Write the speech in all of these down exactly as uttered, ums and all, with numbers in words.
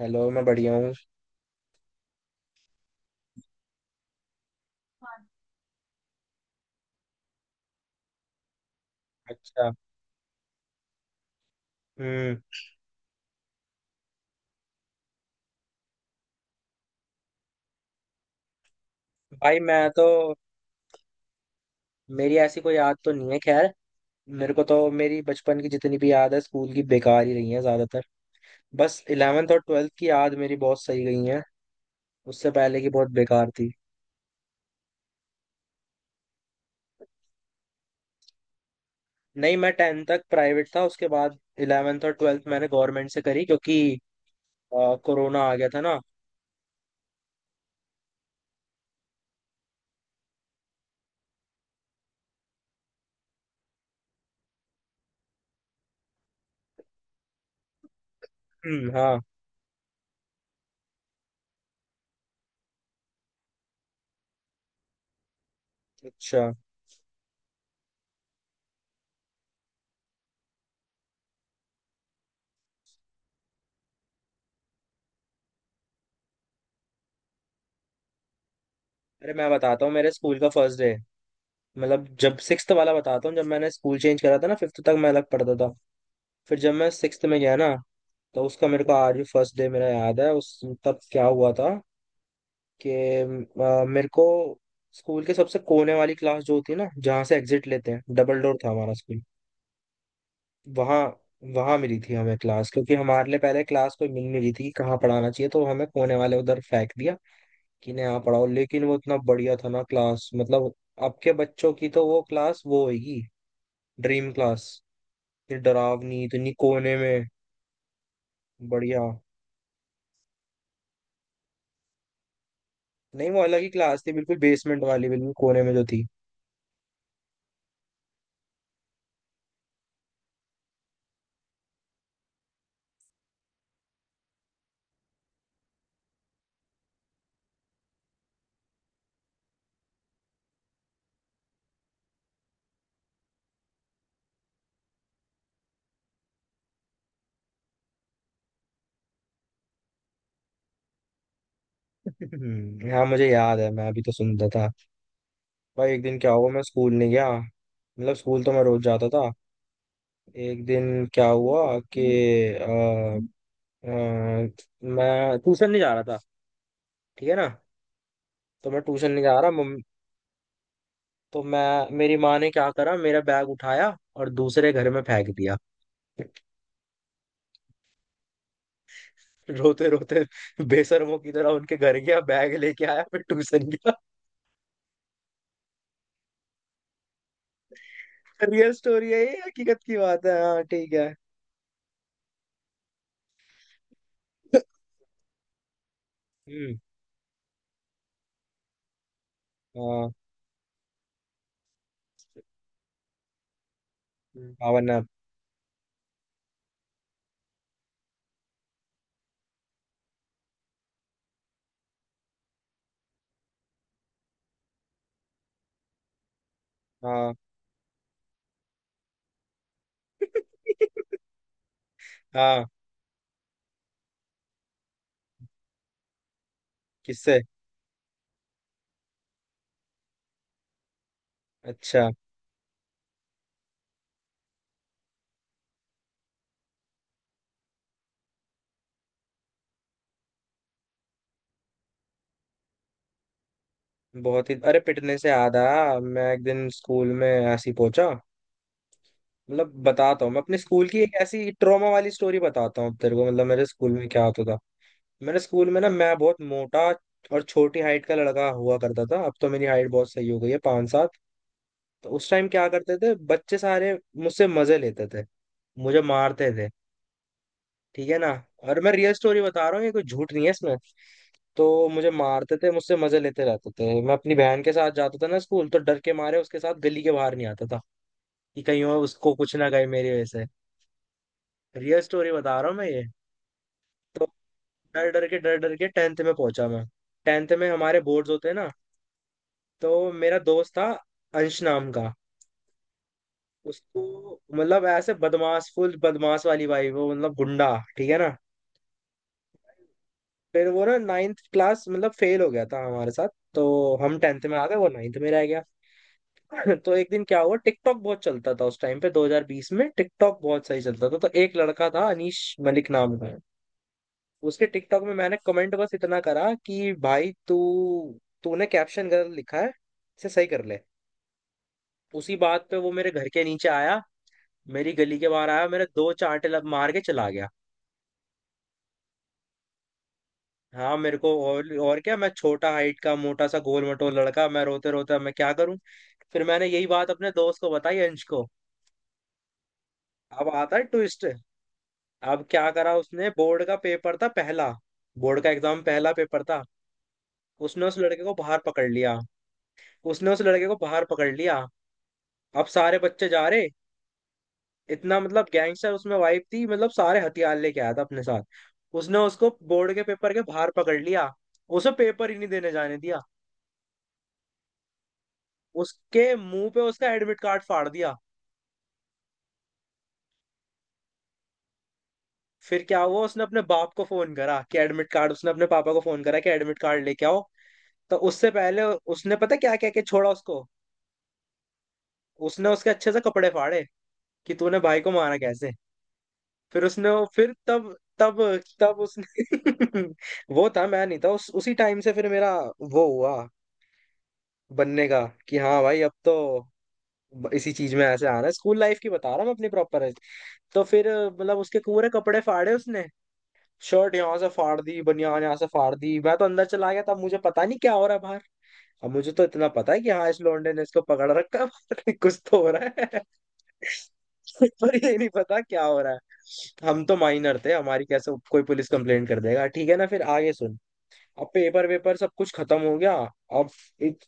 Hello. मैं बढ़िया हूँ। अच्छा। हम्म। भाई मैं तो, मेरी ऐसी कोई याद तो नहीं है। खैर, मेरे को तो मेरी बचपन की जितनी भी याद है स्कूल की, बेकार ही रही है ज्यादातर। बस इलेवेंथ और ट्वेल्थ की याद मेरी बहुत सही गई है। उससे पहले की बहुत बेकार थी। नहीं, मैं टेंथ तक प्राइवेट था, उसके बाद इलेवेंथ और ट्वेल्थ मैंने गवर्नमेंट से करी क्योंकि अ, कोरोना आ गया था ना। हम्म, हाँ। अच्छा। अरे मैं बताता हूँ मेरे स्कूल का फर्स्ट डे। मतलब जब सिक्स्थ वाला बताता हूँ, जब मैंने स्कूल चेंज करा था ना, फिफ्थ तक मैं अलग पढ़ता था। फिर जब मैं सिक्स्थ में गया ना, तो उसका मेरे को आज भी फर्स्ट डे मेरा याद है उस। तब क्या हुआ था कि अ, मेरे को स्कूल के सबसे कोने वाली क्लास, जो होती है ना जहाँ से एग्जिट लेते हैं, डबल डोर था हमारा स्कूल। वहाँ, वहाँ मिली थी हमें क्लास, क्योंकि हमारे लिए पहले क्लास कोई मिल नहीं रही थी कि कहाँ पढ़ाना चाहिए, तो हमें कोने वाले उधर फेंक दिया कि नहीं यहाँ पढ़ाओ। लेकिन वो इतना बढ़िया था ना क्लास, मतलब अब के बच्चों की तो वो क्लास वो होगी ड्रीम क्लास। ये डरावनी, इतनी कोने में, बढ़िया। नहीं, वो अलग ही क्लास थी, बिल्कुल बेसमेंट वाली, बिल्कुल कोने में जो थी। हम्म, हाँ, मुझे याद है मैं अभी तो सुनता था। भाई एक दिन क्या हुआ, मैं स्कूल नहीं गया। मतलब स्कूल तो मैं रोज जाता था। एक दिन क्या हुआ कि अ, अ, मैं ट्यूशन नहीं जा रहा था, ठीक है ना। तो मैं ट्यूशन नहीं जा रहा मम, तो मैं, मेरी माँ ने क्या करा, मेरा बैग उठाया और दूसरे घर में फेंक दिया। रोते रोते, बेशर्मों की तरह उनके घर गया, बैग लेके आया, फिर ट्यूशन गया। रियल स्टोरी है, ये हकीकत की बात है। हाँ ठीक है। हम्म। हाँ। हम्म। भावना, हाँ। हाँ। किससे? अच्छा। बहुत ही, अरे पिटने से याद आया, मैं एक दिन स्कूल में ऐसी पहुंचा। मतलब बताता हूँ, मैं अपने स्कूल की एक ऐसी ट्रॉमा वाली स्टोरी बताता हूँ तेरे को। मतलब मेरे स्कूल में क्या होता था, मेरे स्कूल में ना, मैं बहुत मोटा और छोटी हाइट का लड़का हुआ करता था। अब तो मेरी हाइट बहुत सही हो गई है, पाँच सात। तो उस टाइम क्या करते थे बच्चे सारे, मुझसे मजे लेते थे, मुझे मारते थे, ठीक है ना। और मैं रियल स्टोरी बता रहा हूँ, ये कोई झूठ नहीं है इसमें। तो मुझे मारते थे, मुझसे मजे लेते रहते थे। मैं अपनी बहन के साथ जाता था ना स्कूल, तो डर के मारे उसके साथ गली के बाहर नहीं आता था कि कहीं और उसको कुछ ना कहे मेरी वजह से। रियल स्टोरी बता रहा हूँ मैं ये। तो डर डर के, डर डर के टेंथ में पहुंचा मैं। टेंथ में हमारे बोर्ड्स होते हैं ना। तो मेरा दोस्त था अंश नाम का। उसको मतलब ऐसे बदमाश, फुल बदमाश वाली, भाई वो मतलब गुंडा, ठीक है ना। फिर वो ना नाइन्थ क्लास मतलब फेल हो गया था हमारे साथ। तो हम टेंथ में आ गए, वो नाइन्थ में रह गया। तो एक दिन क्या हुआ, टिकटॉक बहुत चलता था उस टाइम पे, दो हज़ार बीस में टिकटॉक बहुत सही चलता था। तो एक लड़का था अनीश मलिक नाम का। उसके टिकटॉक में मैंने कमेंट बस इतना करा कि भाई तू, तूने कैप्शन गलत लिखा है, इसे सही कर ले। उसी बात पे वो मेरे घर के नीचे आया, मेरी गली के बाहर आया, मेरे दो चांटे लब मार के चला गया। हाँ, मेरे को और और क्या, मैं छोटा हाइट का मोटा सा गोल मटोल लड़का, मैं रोते रोते, अब मैं क्या करूं। फिर मैंने यही बात अपने दोस्त को बताई, अंश को। अब आता है ट्विस्ट। अब क्या करा उसने, बोर्ड का पेपर था पहला, बोर्ड का एग्जाम, पहला पेपर था। उसने उस लड़के को बाहर पकड़ लिया उसने उस लड़के को बाहर पकड़ लिया अब सारे बच्चे जा रहे, इतना मतलब गैंगस्टर उसमें वाइब थी, मतलब सारे हथियार लेके आया था अपने साथ। उसने उसको बोर्ड के पेपर के बाहर पकड़ लिया, उसे पेपर ही नहीं देने जाने दिया। उसके मुंह पे उसका एडमिट कार्ड फाड़ दिया। फिर क्या हुआ, उसने अपने बाप को फोन करा कि एडमिट कार्ड, उसने अपने पापा को फोन करा कि एडमिट कार्ड लेके आओ। तो उससे पहले उसने पता क्या क्या क्या छोड़ा उसको, उसने उसके अच्छे से कपड़े फाड़े कि तूने भाई को मारा कैसे। फिर उसने वो- फिर तब तब तब उसने, वो था, मैं नहीं था। उस उसी टाइम से फिर मेरा वो हुआ बनने का, कि हाँ भाई अब तो इसी चीज में ऐसे आना है। स्कूल लाइफ की बता रहा हूँ मैं अपनी प्रॉपर। तो फिर मतलब उसके पूरे कपड़े फाड़े उसने, शर्ट यहाँ से फाड़ दी, बनियान यहाँ से फाड़ दी। मैं तो अंदर चला गया, तब मुझे पता नहीं क्या हो रहा है बाहर। अब मुझे तो इतना पता है कि हाँ इस लौंडे ने इसको पकड़ रखा है, बाहर कुछ तो हो रहा है। पर ये नहीं पता क्या हो रहा है। हम तो माइनर थे, हमारी कैसे कोई पुलिस कंप्लेंट कर देगा, ठीक है ना। फिर आगे सुन। अब पेपर वेपर सब कुछ खत्म हो गया। अब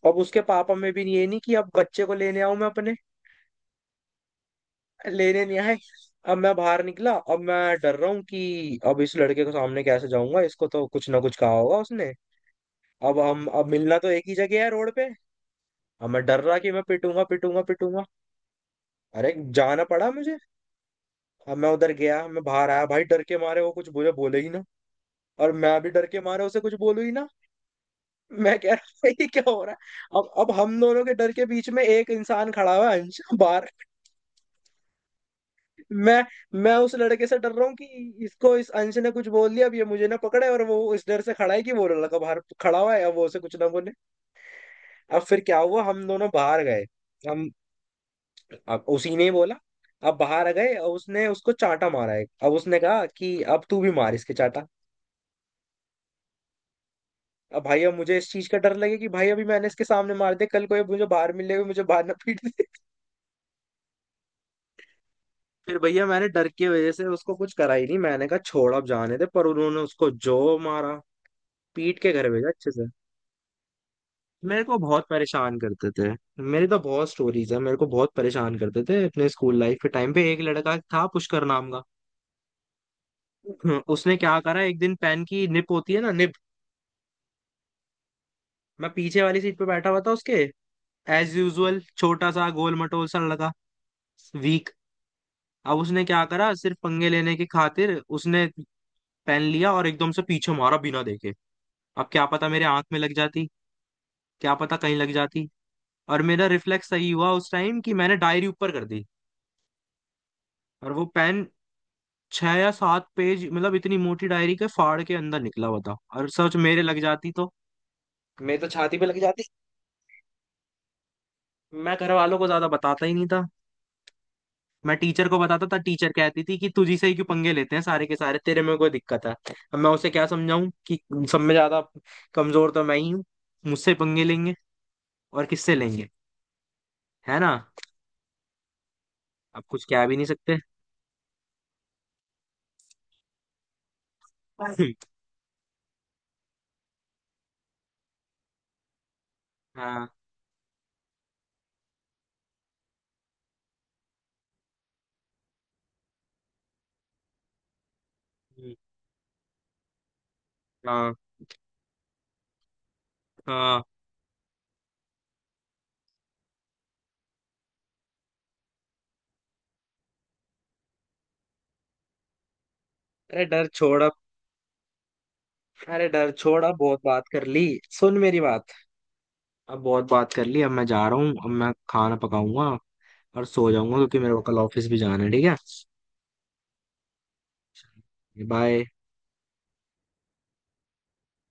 अब उसके पापा में भी ये नहीं कि अब बच्चे को लेने आऊं मैं अपने, लेने नहीं आए। अब मैं बाहर निकला, अब मैं डर रहा हूँ कि अब इस लड़के के सामने कैसे जाऊंगा, इसको तो कुछ ना कुछ कहा होगा उसने। अब हम, अब मिलना तो एक ही जगह है, रोड पे। अब मैं डर रहा कि मैं पिटूंगा पिटूंगा पिटूंगा अरे जाना पड़ा मुझे। अब मैं उधर गया, मैं बाहर आया, भाई डर के मारे वो कुछ मुझे बोले ही ना, और मैं भी डर के मारे उसे कुछ बोलू ही ना। मैं कह रहा था ये क्या हो रहा है अब। अब हम दोनों के डर के बीच में एक इंसान खड़ा हुआ है अंश, बाहर। मैं मैं उस लड़के से डर रहा हूँ कि इसको, इस अंश ने कुछ बोल दिया, अब ये मुझे ना पकड़े। और वो इस डर से खड़ा है कि वो लड़का बाहर खड़ा हुआ है, अब वो उसे कुछ ना बोले। अब फिर क्या हुआ, हम दोनों बाहर गए। हम, अब उसी ने ही बोला। अब बाहर आ गए, अब उसने उसको चांटा मारा है, अब उसने कहा कि अब तू भी मार इसके चांटा। अब भाई, अब मुझे इस चीज का डर लगे कि भाई अभी मैंने इसके सामने मार दे, कल कोई मुझे बाहर मिलेगा, मुझे बाहर ना पीट दे। फिर भैया मैंने डर की वजह से उसको कुछ करा ही नहीं, मैंने कहा छोड़ अब जाने दे। पर उन्होंने उसको जो मारा, पीट के घर भेजा अच्छे से। मेरे को बहुत परेशान करते थे, मेरी तो बहुत स्टोरीज है। मेरे को बहुत परेशान करते थे अपने स्कूल लाइफ के टाइम पे। एक लड़का था पुष्कर नाम का। उसने क्या करा एक दिन, पेन की निप होती है ना, निप। मैं पीछे वाली सीट पे बैठा हुआ था उसके। एज यूजुअल छोटा सा गोल मटोल सा लड़का, वीक। अब उसने क्या करा, सिर्फ पंगे लेने की खातिर उसने पेन लिया और एकदम से पीछे मारा बिना देखे। अब क्या पता मेरे आंख में लग जाती, क्या पता कहीं लग जाती। और मेरा रिफ्लेक्स सही हुआ उस टाइम कि मैंने डायरी ऊपर कर दी। और वो पेन, छह या सात पेज मतलब इतनी मोटी डायरी के फाड़ के अंदर निकला हुआ था। और सच मेरे लग जाती तो मेरे तो छाती पे लग जाती। मैं घर वालों को ज्यादा बताता ही नहीं था, मैं टीचर को बताता था। टीचर कहती थी कि तुझी से ही क्यों पंगे लेते हैं सारे के सारे, तेरे में कोई दिक्कत है। अब मैं उसे क्या समझाऊं कि सब में ज्यादा कमजोर तो मैं ही हूँ, मुझसे पंगे लेंगे और किससे लेंगे, है ना। अब कुछ कह भी नहीं सकते। हाँ हाँ हाँ अरे डर छोड़ अब। अरे डर छोड़ अब, बहुत बात कर ली। सुन मेरी बात, अब बहुत बात कर ली, अब मैं जा रहा हूँ, अब मैं खाना पकाऊंगा और सो जाऊंगा, क्योंकि मेरे को कल ऑफिस भी जाना है, ठीक है। बाय।